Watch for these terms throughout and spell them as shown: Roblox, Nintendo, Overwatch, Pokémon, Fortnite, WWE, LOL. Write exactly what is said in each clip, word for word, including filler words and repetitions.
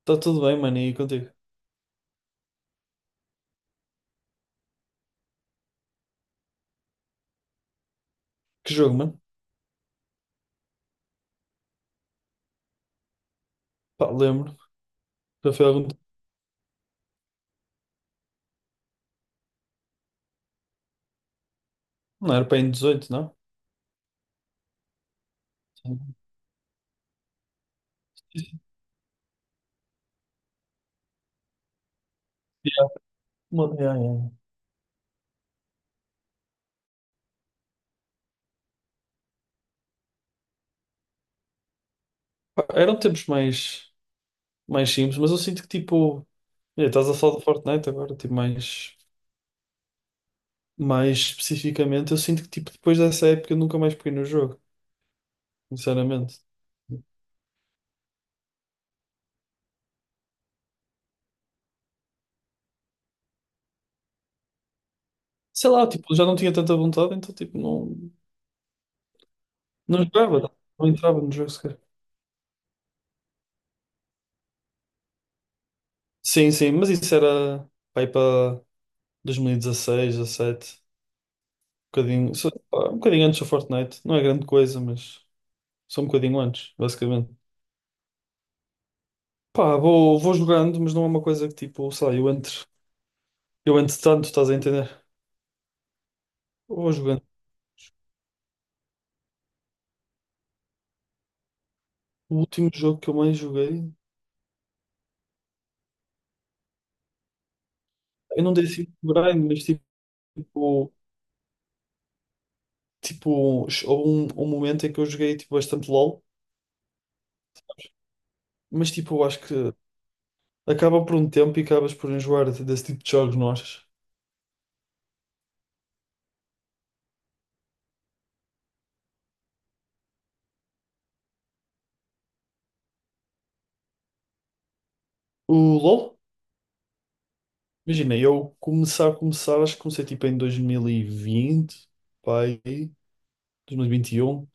Está tudo bem, mano, e contigo? Que jogo, mano? Pá, lembro. Já foi algum tempo. Não era para em dezoito, não? Mano, yeah, yeah. Pá, eram tempos mais, mais simples, mas eu sinto que tipo. Olha, estás a falar do Fortnite agora, tipo, mais, mais especificamente, eu sinto que tipo, depois dessa época eu nunca mais peguei no jogo, sinceramente. Sei lá, tipo, já não tinha tanta vontade, então tipo, não, não jogava, não entrava no jogo sequer. Sim, sim, mas isso era, pá, aí para dois mil e dezesseis, dezessete. Bocadinho, só- pá, um bocadinho antes do Fortnite. Não é grande coisa, mas só um bocadinho antes, basicamente. Pá, vou, vou jogando, mas não é uma coisa que tipo, sei lá, eu entre, eu entre tanto, estás a entender? Vou jogando. O último jogo que eu mais joguei, eu não dei assim muito grind, mas tipo, tipo, houve um, um momento em que eu joguei tipo bastante LOL, mas tipo, eu acho que acaba por um tempo e acabas por enjoar de- desse tipo de jogos, não achas? O LOL, imagina, eu começar, começar, acho que comecei tipo em dois mil e vinte, pá, aí. dois mil e vinte e um.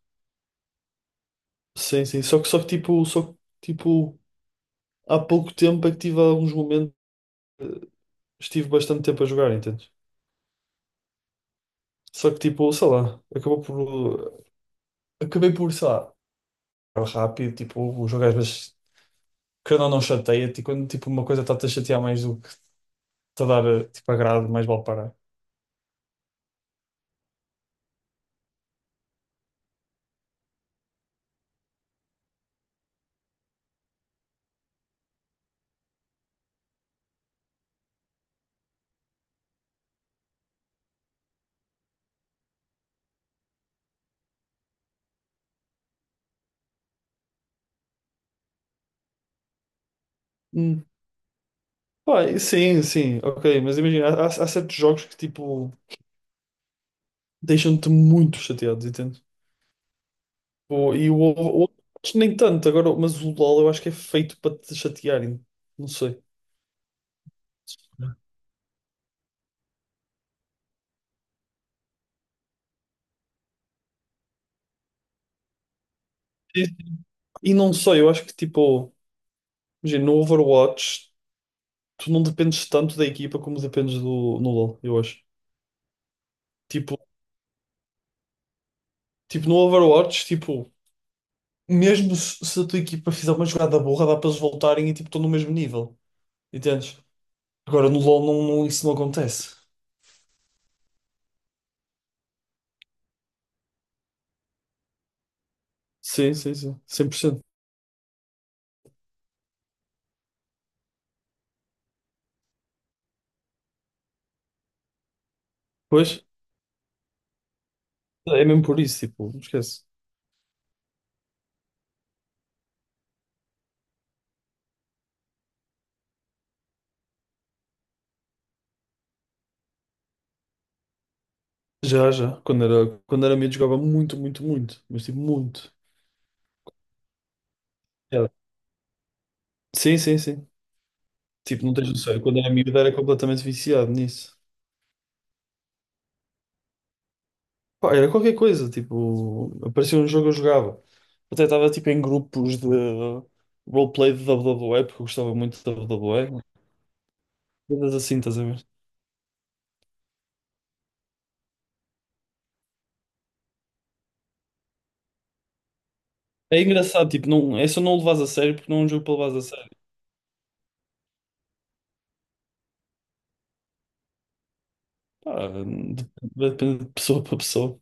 Sim, sim. Só que, só que tipo, só que, tipo, há pouco tempo é que tive alguns momentos, estive bastante tempo a jogar, entendes? Só que tipo, sei lá, acabou por. Acabei por, sei lá, jogar rápido, tipo, o jogo às vezes querendo ou não chateia-te e quando tipo uma coisa está-te a chatear mais do que te a dar eh, tipo agrado, mais vale parar. Hum. Pá, sim, sim, ok, mas imagina, há, há certos jogos que tipo. Deixam-te muito chateado, entende? Pô, e o ovo, o ovo, acho que nem tanto agora, mas o LOL eu acho que é feito para te chatearem. Não sei. E, e não sei, eu acho que tipo, imagina, no Overwatch tu não dependes tanto da equipa como dependes do, no LoL, eu acho. Tipo, tipo no Overwatch, tipo, mesmo se, se a tua equipa fizer uma jogada burra, dá para eles voltarem e tipo, estão no mesmo nível, entendes? Agora no LoL não, não- isso não acontece. Sim, sim, sim, cem por cento. Pois, é mesmo por isso, tipo, não esquece. Já, já. Quando era, quando era miúdo jogava muito, muito, muito. Mas tipo, muito. Já. Sim, sim, sim. Tipo, não tens noção. Eu, quando era miúdo era completamente viciado nisso. Pá, era qualquer coisa. Tipo, aparecia um jogo eu jogava. Até estava tipo em grupos de roleplay de W W E, porque eu gostava muito de W W E. Coisas assim, estás a ver? É engraçado, tipo, não, é só não o levas a sério porque não é um jogo para levares a sério. Pá, dep- depende de pessoa para pessoa.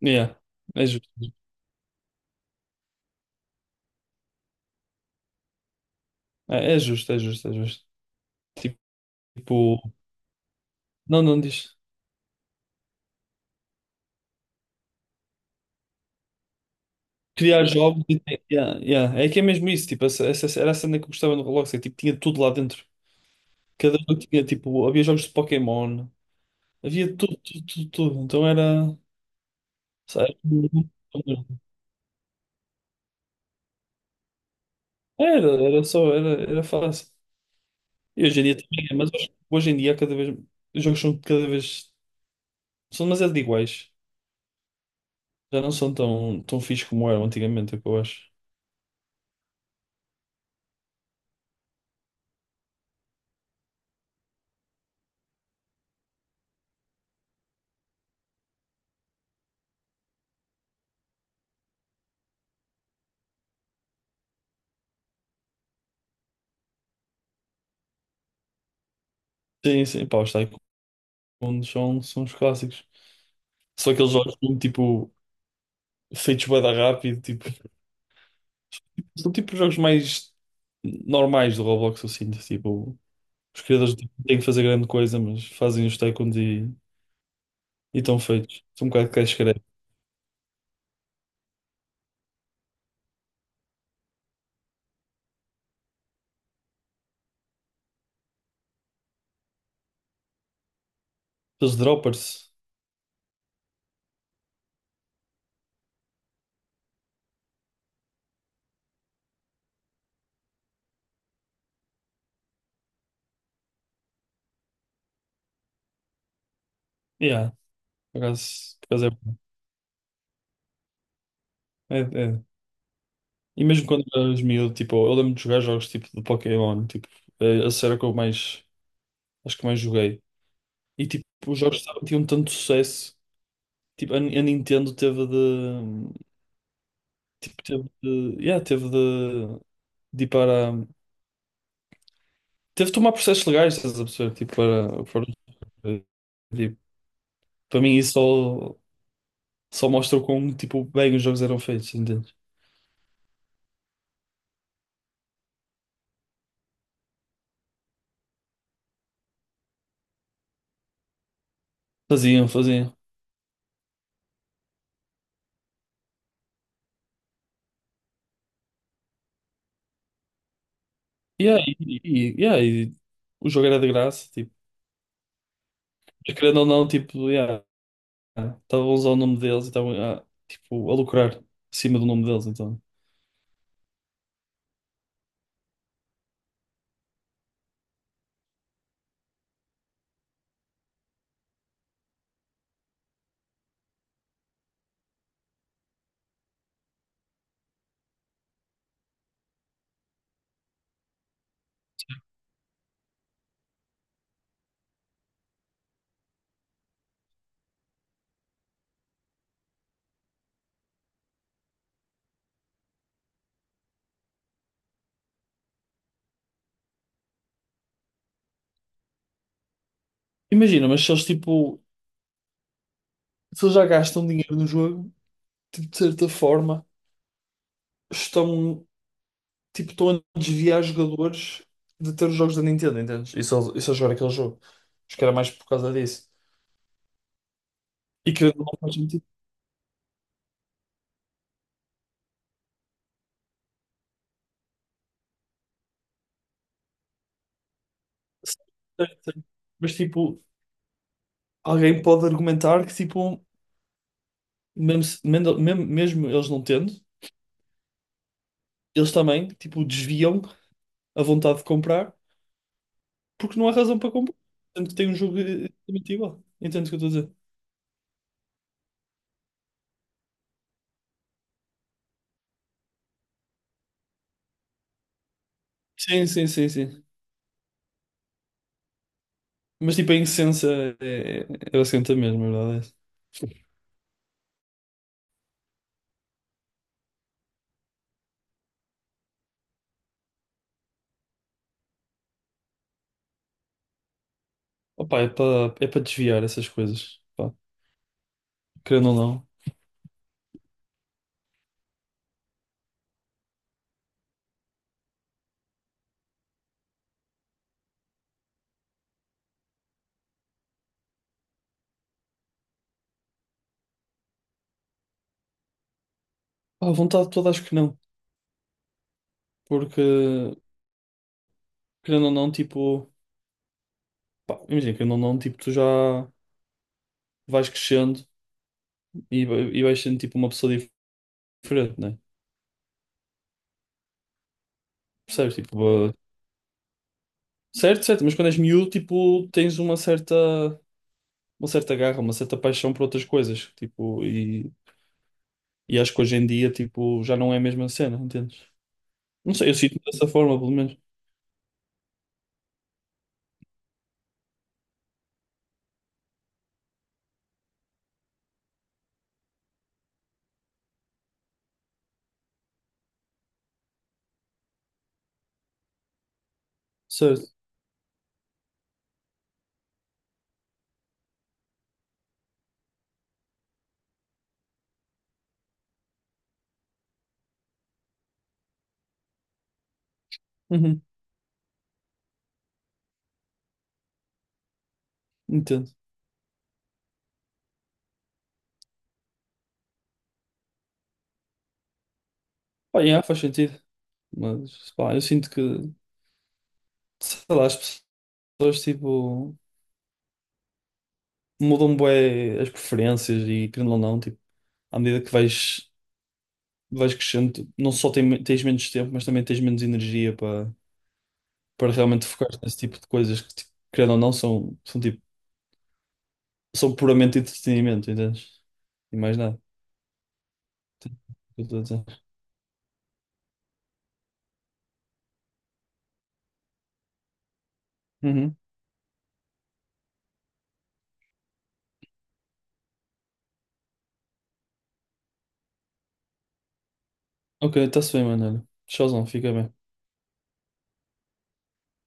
Yeah, é justo. É, é justo, é justo, é justo. Tipo, não, não diz. Criar jogos e tem- yeah, yeah. É que é mesmo isso, tipo, essa, essa- era a cena que eu gostava no Roblox, é, tipo, tinha tudo lá dentro. Cada jogo tinha, tipo, havia jogos de Pokémon, havia tudo, tudo, tudo, tudo. Então era, sabe, era, era só, era, era fácil. E hoje em dia também é, mas hoje, hoje em dia cada vez, os jogos são cada vez, são demasiado iguais. Já não são tão, tão fixos como eram antigamente, é o que eu acho. Sim, sim, pá, os Tycoons são, são os clássicos. Só aqueles jogos, tipo, feitos bué da rápido, tipo... São tipo jogos mais normais do Roblox, eu sinto. Tipo, os criadores tipo, não têm que fazer grande coisa, mas fazem os tycoons e e estão feitos. São um bocado cash grab. Os droppers, yeah, por acaso, por acaso é, é- é. E mesmo quando eras miúdo, tipo, eu lembro de jogar jogos tipo de Pokémon, tipo, é, a série que eu mais, acho que mais joguei. E tipo, os jogos estavam- tinham tanto sucesso, tipo, a, Ni- a Nintendo teve de, tipo, teve de, yeah, teve de, de ir para. Teve de tomar processos legais, estás a perceber? Tipo, para, para, tipo, para mim isso só, só mostra o quão, tipo, bem os jogos eram feitos, entendes? Faziam, faziam. Yeah, e, e, e- yeah, e o jogo era de graça, tipo, mas querendo ou não, tipo, yeah, estavam a usar o nome deles e estavam ah, tipo, a lucrar acima do nome deles, então. Imagina, mas se eles, tipo, se eles já gastam dinheiro no jogo, tipo, de certa forma, estão tipo, estão a desviar jogadores de ter os jogos da Nintendo, entendes? E só, e só jogar aquele jogo. Acho que era mais por causa disso. E que não faz sentido. Certo, certo. Mas tipo, alguém pode argumentar que tipo, mesmo, se- mendo- mesmo, mesmo eles não tendo, eles também tipo, desviam a vontade de comprar porque não há razão para comprar. Tanto que tem um jogo eh, exatamente igual. Entende o que eu estou a dizer? Sim, sim, sim, sim. Mas tipo, a essência é, é basicamente a mesma, a verdade. É essa. Opa, é para é para desviar essas coisas. Pá, querendo ou não. Pá, à vontade toda acho que não. Porque, querendo ou não, tipo, pá, imagina, querendo ou não, tipo, tu já vais crescendo e, vai- e vais sendo tipo uma pessoa diferente, né? Percebes? Tipo, eh, certo, certo, mas quando és miúdo, tipo, tens uma certa. Uma certa garra, uma certa paixão por outras coisas, tipo, e, e acho que hoje em dia, tipo, já não é a mesma cena, entendes? Não sei, eu sinto-me dessa forma, pelo menos. Certo. Uhum, entendo. Pá, yeah, faz sentido, mas, pá, eu sinto que, sei lá, as pessoas, tipo, mudam bué as preferências e, querendo ou não, tipo, à medida que vais, vais crescendo, tu não só tem- tens menos tempo, mas também tens menos energia para para realmente focar nesse tipo de coisas que, tipo, querendo ou não, são, são, tipo, são puramente entretenimento, entendes? E mais nada. Eu tô a dizer. Uhum. Ok, está-se bem, mano. Olha, tchauzão, fica bem.